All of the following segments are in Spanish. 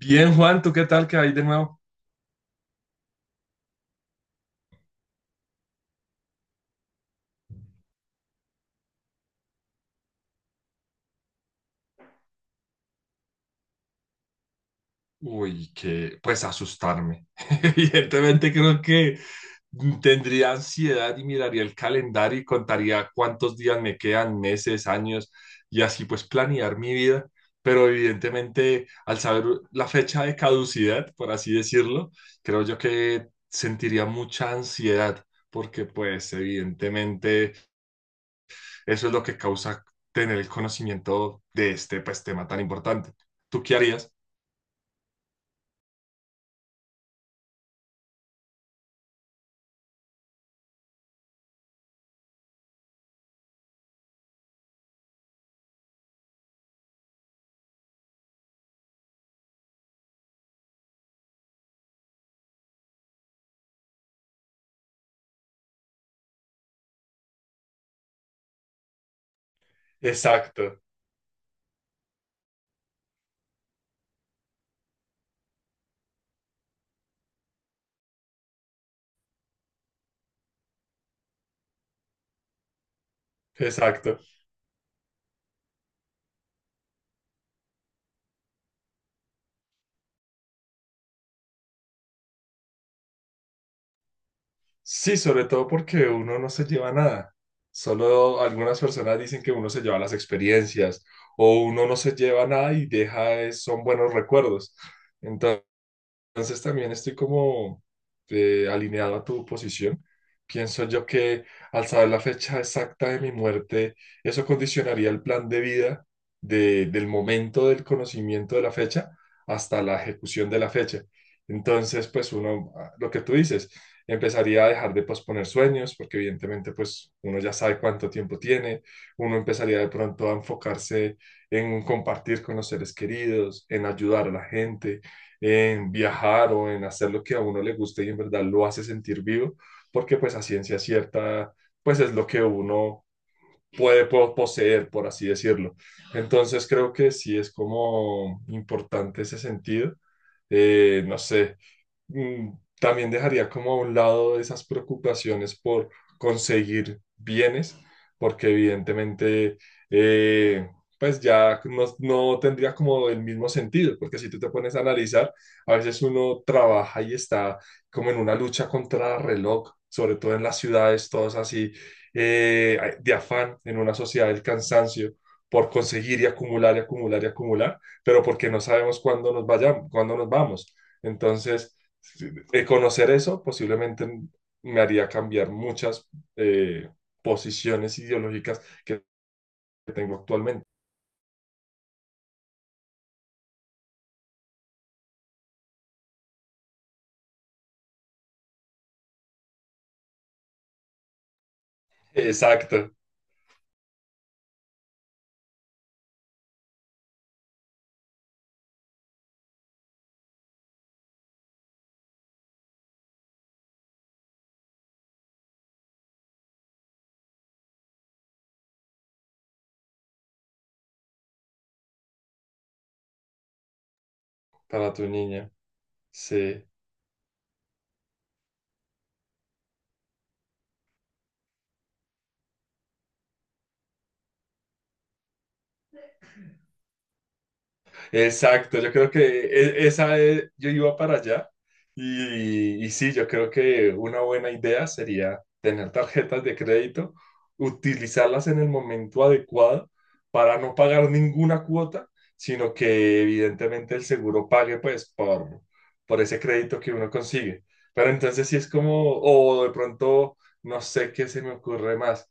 Bien, Juan, ¿tú qué tal? ¿Qué hay de nuevo? Uy, que pues asustarme. Evidentemente creo que tendría ansiedad y miraría el calendario y contaría cuántos días me quedan, meses, años, y así pues planear mi vida. Pero evidentemente al saber la fecha de caducidad, por así decirlo, creo yo que sentiría mucha ansiedad, porque pues evidentemente eso es lo que causa tener el conocimiento de este pues tema tan importante. ¿Tú qué harías? Exacto, exacto. Sí, sobre todo porque uno no se lleva nada. Solo algunas personas dicen que uno se lleva las experiencias o uno no se lleva nada y deja, son buenos recuerdos. Entonces también estoy como alineado a tu posición. Pienso yo que al saber la fecha exacta de mi muerte, eso condicionaría el plan de vida del momento del conocimiento de la fecha hasta la ejecución de la fecha. Entonces, pues uno, ah, lo que tú dices, empezaría a dejar de posponer sueños, porque evidentemente pues uno ya sabe cuánto tiempo tiene, uno empezaría de pronto a enfocarse en compartir con los seres queridos, en ayudar a la gente en viajar o en hacer lo que a uno le guste y en verdad lo hace sentir vivo, porque pues a ciencia cierta, pues es lo que uno puede poseer, por así decirlo. Entonces creo que sí es como importante ese sentido. No sé, mm, también dejaría como a un lado esas preocupaciones por conseguir bienes, porque evidentemente, eh, pues ya no tendría como el mismo sentido, porque si tú te pones a analizar, a veces uno trabaja y está como en una lucha contra el reloj, sobre todo en las ciudades, todos así, de afán, en una sociedad del cansancio por conseguir y acumular y acumular y acumular, pero porque no sabemos cuándo nos vayamos, cuándo nos vamos. Entonces, conocer eso posiblemente me haría cambiar muchas eh, posiciones ideológicas que tengo actualmente. Exacto, para tu niña. Sí. Exacto, yo creo que yo iba para allá y sí, yo creo que una buena idea sería tener tarjetas de crédito, utilizarlas en el momento adecuado para no pagar ninguna cuota, sino que evidentemente el seguro pague pues por ese crédito que uno consigue. Pero entonces sí es como, o de pronto, no sé qué se me ocurre más.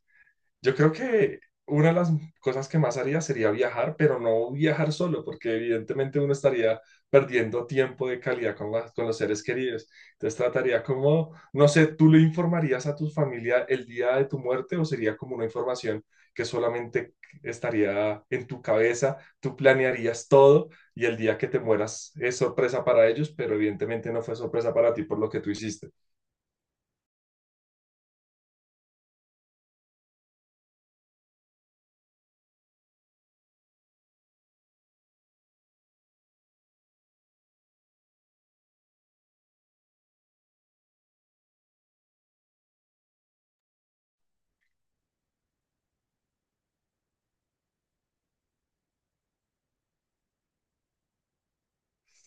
Yo creo que una de las cosas que más haría sería viajar, pero no viajar solo, porque evidentemente uno estaría perdiendo tiempo de calidad con, con los seres queridos. Entonces trataría como, no sé, ¿tú le informarías a tu familia el día de tu muerte o sería como una información que solamente estaría en tu cabeza? Tú planearías todo y el día que te mueras es sorpresa para ellos, pero evidentemente no fue sorpresa para ti por lo que tú hiciste.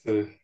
Sí,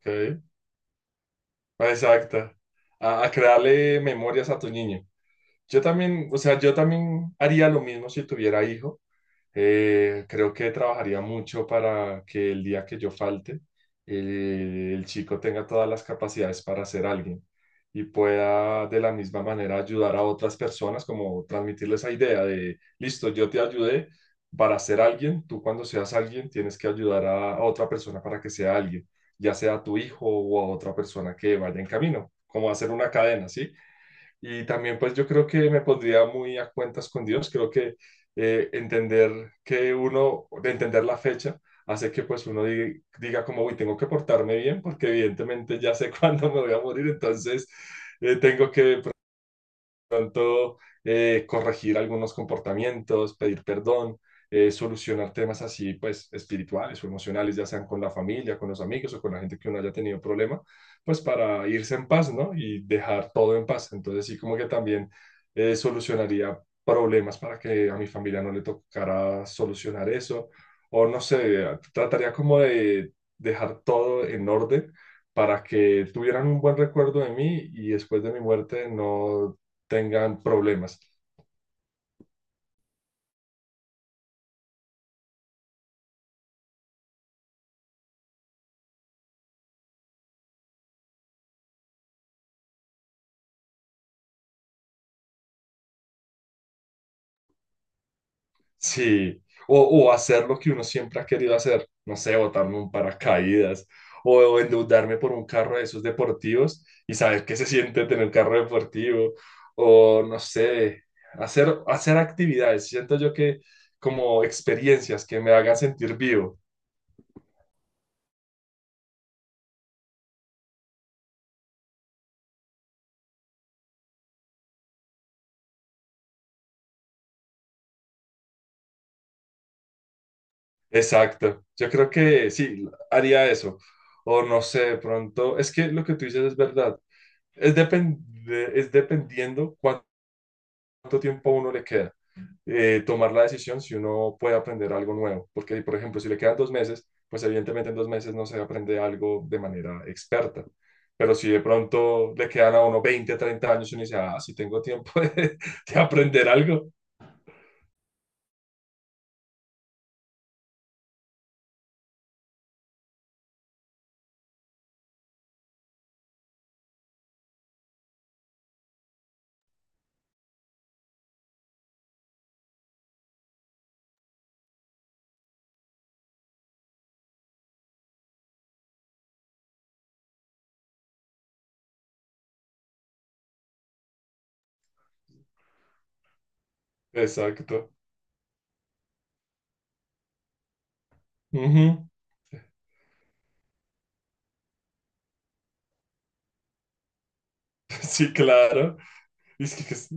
ok. Exacto. A crearle memorias a tu niño. Yo también, o sea, yo también haría lo mismo si tuviera hijo. Creo que trabajaría mucho para que el día que yo falte, el chico tenga todas las capacidades para ser alguien y pueda de la misma manera ayudar a otras personas, como transmitirles esa idea de, listo, yo te ayudé para ser alguien, tú cuando seas alguien tienes que ayudar a otra persona para que sea alguien, ya sea a tu hijo o a otra persona que vaya en camino, como hacer una cadena, ¿sí? Y también pues yo creo que me pondría muy a cuentas con Dios. Creo que entender que uno, de entender la fecha, hace que pues uno diga como, uy, tengo que portarme bien porque evidentemente ya sé cuándo me voy a morir, entonces tengo que pues pronto corregir algunos comportamientos, pedir perdón, solucionar temas así, pues espirituales o emocionales, ya sean con la familia, con los amigos o con la gente que uno haya tenido problema, pues para irse en paz, ¿no? Y dejar todo en paz. Entonces sí como que también solucionaría problemas para que a mi familia no le tocara solucionar eso. O no sé, trataría como de dejar todo en orden para que tuvieran un buen recuerdo de mí y después de mi muerte no tengan problemas. Sí, o hacer lo que uno siempre ha querido hacer, no sé, botarme un paracaídas o endeudarme por un carro de esos deportivos y saber qué se siente tener carro deportivo o no sé, hacer, hacer actividades. Siento yo que como experiencias que me hagan sentir vivo. Exacto. Yo creo que sí, haría eso. O no sé, de pronto, es que lo que tú dices es verdad. Es, depende, es dependiendo cuánto tiempo a uno le queda. Tomar la decisión si uno puede aprender algo nuevo. Porque, por ejemplo, si le quedan 2 meses, pues evidentemente en 2 meses no se aprende algo de manera experta. Pero si de pronto le quedan a uno 20, 30 años y uno dice, ah, si tengo tiempo de, aprender algo. Exacto. Ujú. Sí, claro. Es que, que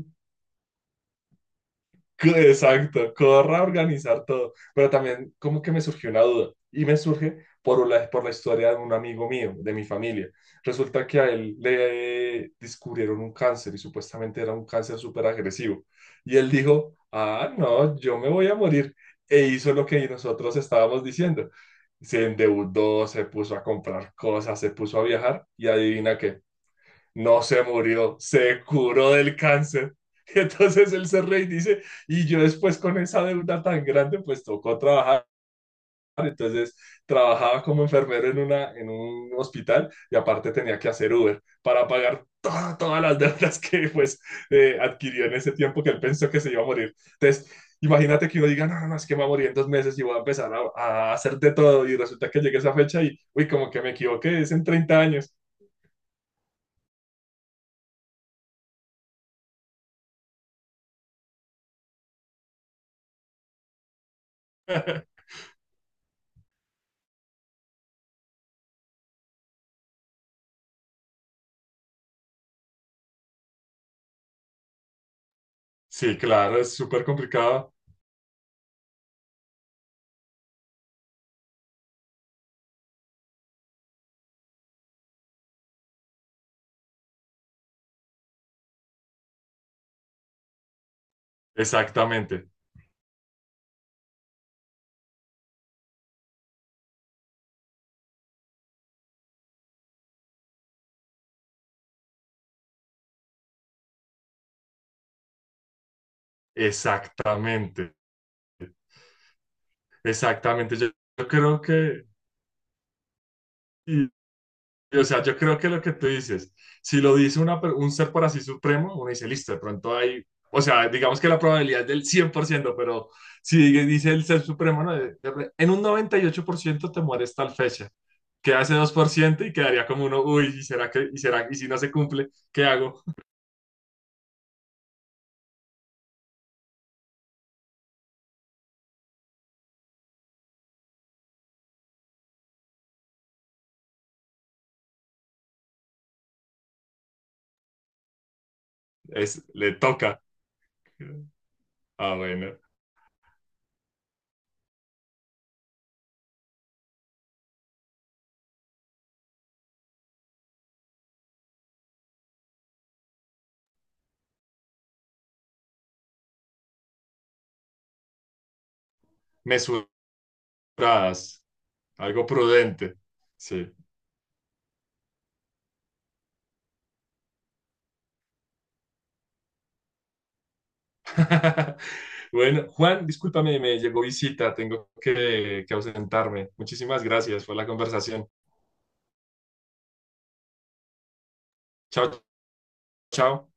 Exacto, corra organizar todo. Pero también como que me surgió una duda y me surge por la historia de un amigo mío, de mi familia. Resulta que a él le descubrieron un cáncer y supuestamente era un cáncer súper agresivo. Y él dijo, ah, no, yo me voy a morir. E hizo lo que nosotros estábamos diciendo. Se endeudó, se puso a comprar cosas, se puso a viajar y adivina qué no se murió, se curó del cáncer. Y entonces él se rey dice, y yo después con esa deuda tan grande, pues tocó trabajar. Entonces trabajaba como enfermero en, una, en un hospital y aparte tenía que hacer Uber para pagar todas las deudas que pues adquirió en ese tiempo que él pensó que se iba a morir. Entonces, imagínate que uno diga, no, no, no, es que me voy a morir en 2 meses y voy a empezar a hacer de todo y resulta que llegue esa fecha y, uy, como que me equivoqué, es en 30 años. Sí, claro, es súper complicado. Exactamente. Exactamente, exactamente. Yo creo que, y o sea, yo creo que lo que tú dices, si lo dice una per- un ser por así supremo, uno dice, listo, de pronto hay, o sea, digamos que la probabilidad es del 100%, pero si dice el ser supremo, no, en un 98% te mueres tal fecha, queda ese 2% y quedaría como uno, uy, ¿y será que, y será, y si no se cumple, ¿qué hago? Es, le toca. Ah, bueno, mesuradas, algo prudente, sí. Bueno, Juan, discúlpame, me llegó visita, tengo que ausentarme. Muchísimas gracias por la conversación. Chao, chao.